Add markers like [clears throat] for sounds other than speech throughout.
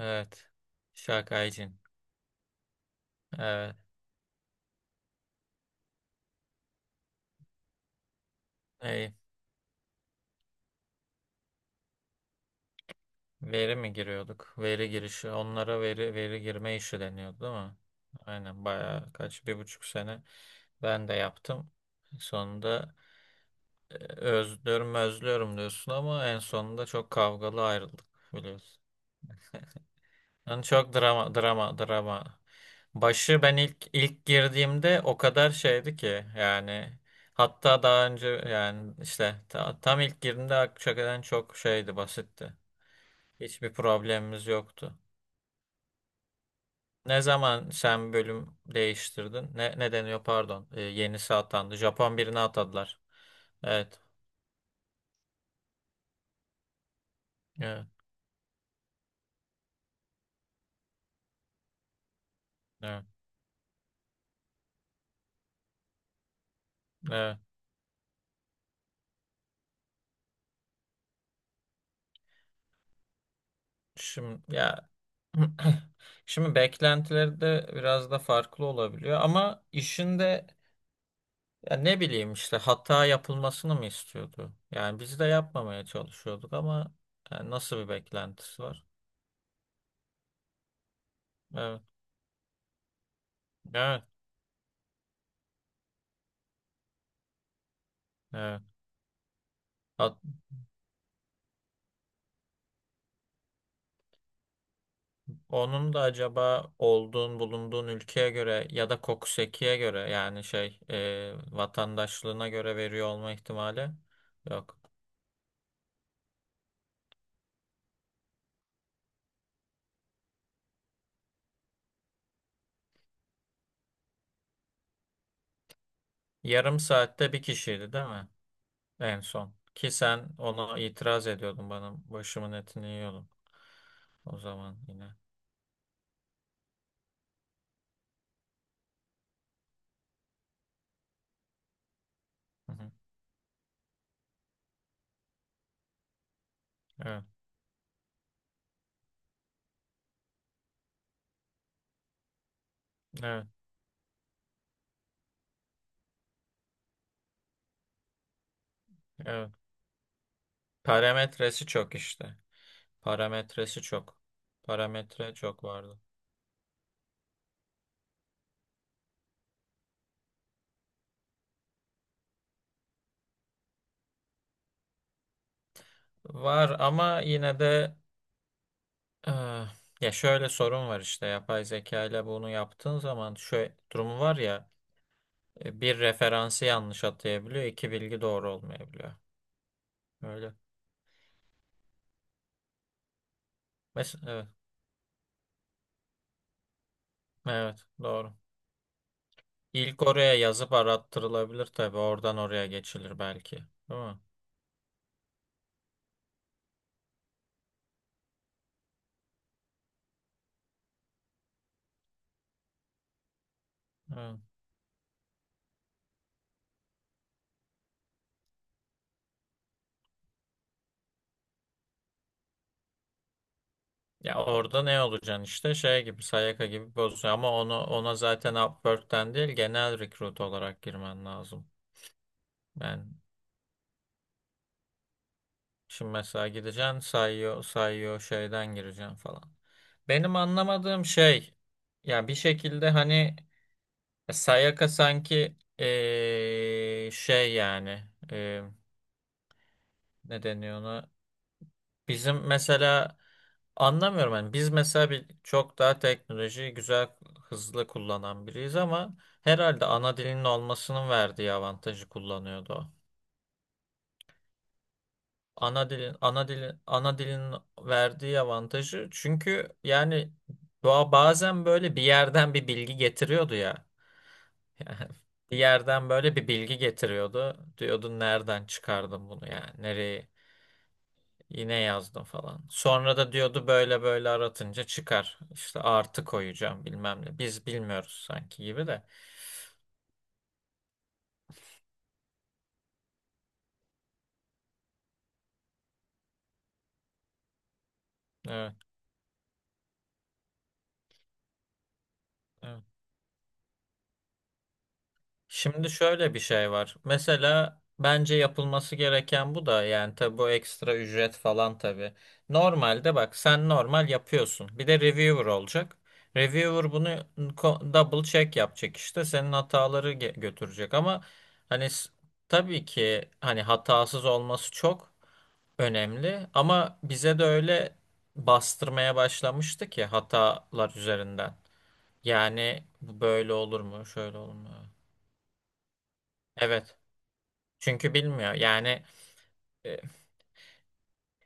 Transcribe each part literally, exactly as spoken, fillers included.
Evet. Şakaycın. Evet. Ey, veri mi giriyorduk? Veri girişi. Onlara veri veri girme işi deniyordu değil mi? Aynen bayağı kaç bir buçuk sene ben de yaptım. Sonunda e, özlüyorum özlüyorum diyorsun ama en sonunda çok kavgalı ayrıldık biliyorsun. Yani çok drama drama drama. Başı ben ilk ilk girdiğimde o kadar şeydi ki yani hatta daha önce yani işte ta- tam ilk girdiğimde hakikaten çok şeydi basitti. Hiçbir problemimiz yoktu. Ne zaman sen bölüm değiştirdin? Ne, ne deniyor pardon? Ee, yenisi atandı. Japon birini atadılar. Evet. Evet. Evet. Evet. Şimdi ya [clears throat] şimdi beklentileri de biraz da farklı olabiliyor ama işin de ya ne bileyim işte hata yapılmasını mı istiyordu? Yani biz de yapmamaya çalışıyorduk ama yani nasıl bir beklentisi var? Evet, evet, evet. Hat- onun da acaba olduğun bulunduğun ülkeye göre ya da kokusekiye göre yani şey e, vatandaşlığına göre veriyor olma ihtimali yok. Yarım saatte bir kişiydi değil mi? En son. Ki sen ona itiraz ediyordun bana başımın etini yiyordun o zaman yine. Hı hı. Evet, evet, evet. Parametresi çok işte. Parametresi çok. Parametre çok vardı. Var ama yine de eh, ya şöyle sorun var işte yapay zeka ile bunu yaptığın zaman şöyle durumu var ya, e, bir referansı yanlış atayabiliyor, iki bilgi doğru olmayabiliyor. Öyle. Mesela evet. Evet, doğru. İlk oraya yazıp arattırılabilir tabii. Oradan oraya geçilir belki. Değil mi? Evet. Ya orada ne olacaksın işte şey gibi Sayaka gibi bozuyor ama onu ona zaten Upwork'ten değil genel recruit olarak girmen lazım. Ben şimdi mesela gideceksin sayıyor sayıyor şeyden gireceksin falan. Benim anlamadığım şey ya bir şekilde hani e, Sayaka sanki eee, şey yani eee ne deniyor ona. Bizim mesela anlamıyorum yani biz mesela bir çok daha teknolojiyi güzel hızlı kullanan biriyiz ama herhalde ana dilinin olmasının verdiği avantajı kullanıyordu o. Ana dilin ana dilin ana dilin verdiği avantajı çünkü yani doğa bazen böyle bir yerden bir bilgi getiriyordu ya. [laughs] Yani bir yerden böyle bir bilgi getiriyordu. Diyordun nereden çıkardın bunu yani nereye. Yine yazdım falan. Sonra da diyordu böyle böyle aratınca çıkar. İşte artı koyacağım bilmem ne. Biz bilmiyoruz sanki gibi de. Evet, evet. Şimdi şöyle bir şey var. Mesela bence yapılması gereken bu da yani tabii bu ekstra ücret falan tabii. Normalde bak sen normal yapıyorsun. Bir de reviewer olacak. Reviewer bunu ko- double check yapacak işte. Senin hataları ge- götürecek ama hani s- tabii ki hani hatasız olması çok önemli ama bize de öyle bastırmaya başlamıştı ki hatalar üzerinden. Yani bu böyle olur mu, şöyle olur mu? Evet. Çünkü bilmiyor. Yani e,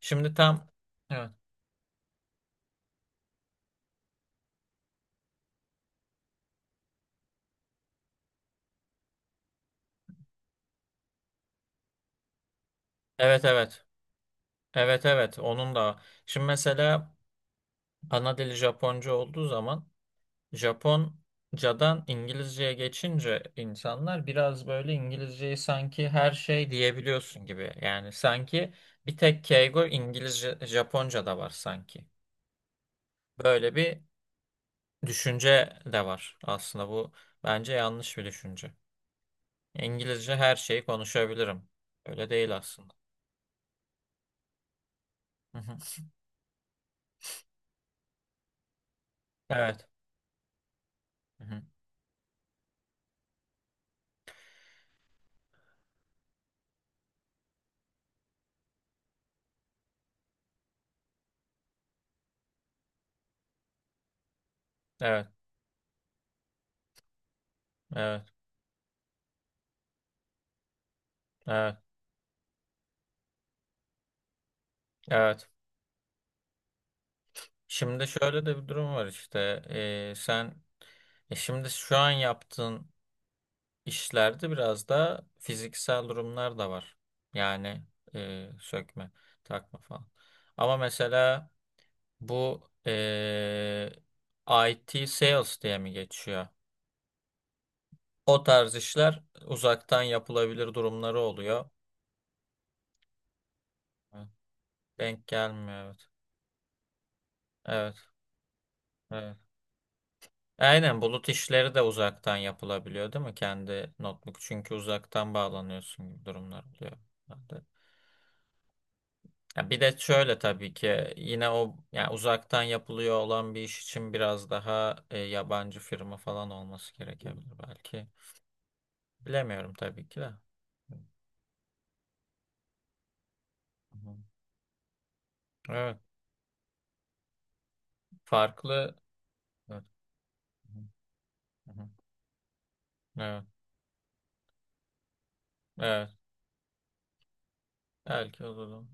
şimdi tam evet. Evet evet. Evet evet. Onun da. Şimdi mesela ana dili Japonca olduğu zaman Japoncadan İngilizceye geçince insanlar biraz böyle İngilizceyi sanki her şey diyebiliyorsun gibi. Yani sanki bir tek keigo İngilizce, Japonca'da var sanki. Böyle bir düşünce de var aslında bu bence yanlış bir düşünce. İngilizce her şeyi konuşabilirim. Öyle değil aslında. Hı hı. Evet. Hı hı. Evet. Evet. Evet. Evet. Şimdi şöyle de bir durum var işte. Ee, sen e şimdi şu an yaptığın İşlerde biraz da fiziksel durumlar da var. Yani e, sökme, takma falan. Ama mesela bu e, I T sales diye mi geçiyor? O tarz işler uzaktan yapılabilir durumları oluyor. Evet. Denk gelmiyor evet. Evet, evet. Aynen bulut işleri de uzaktan yapılabiliyor değil mi? Kendi notebook çünkü uzaktan bağlanıyorsun gibi durumlar oluyor. Ya bir de şöyle tabii ki yine o yani uzaktan yapılıyor olan bir iş için biraz daha e, yabancı firma falan olması gerekebilir belki. Bilemiyorum tabii ki de. Hı. Evet, farklı. Evet. Hı-hı. Evet, evet. Belki olur.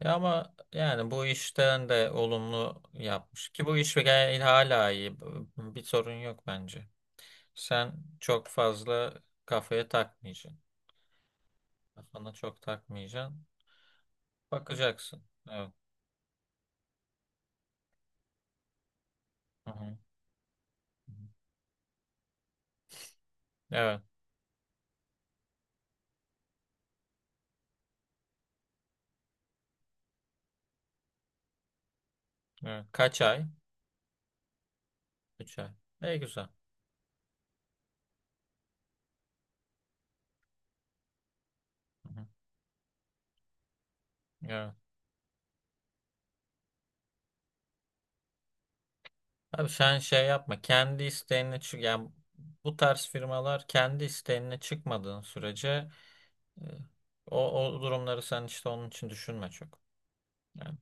Ya ama yani bu işten de olumlu yapmış ki bu iş gayet hala iyi. Bir sorun yok bence. Sen çok fazla kafaya takmayacaksın. Kafana çok takmayacaksın. Bakacaksın. Evet. Hı hı. Evet. Evet. Kaç ay? Üç ay. Ne güzel. Hı hı. Evet. Abi sen şey yapma. Kendi isteğine çık. Yani bu tarz firmalar kendi isteğine çıkmadığın sürece, e, o, o durumları sen işte onun için düşünme çok. Yani.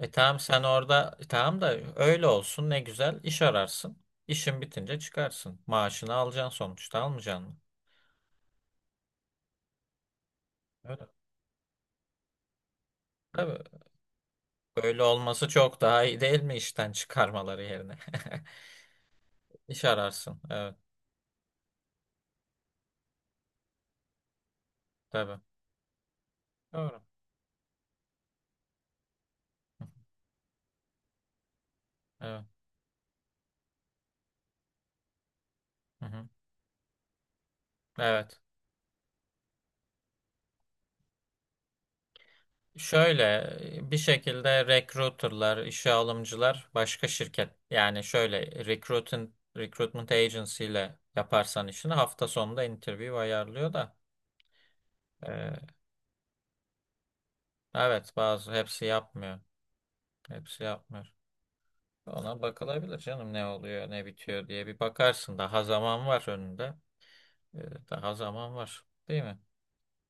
E tamam sen orada e, tamam da öyle olsun ne güzel iş ararsın. İşin bitince çıkarsın. Maaşını alacaksın sonuçta almayacaksın mı? Öyle. Tabii. Böyle olması çok daha iyi değil mi işten çıkarmaları yerine? [laughs] İş ararsın. Evet, tabii. Doğru. Evet. Hı hı. Evet. Şöyle e, bir şekilde recruiterlar, işe alımcılar başka şirket. Yani şöyle recruiting, recruitment agency ile yaparsan işini hafta sonunda interview ayarlıyor da. e, evet, bazı hepsi yapmıyor. Hepsi yapmıyor. Ona bakılabilir canım ne oluyor ne bitiyor diye bir bakarsın. Daha zaman var önünde. E, daha zaman var. Değil mi?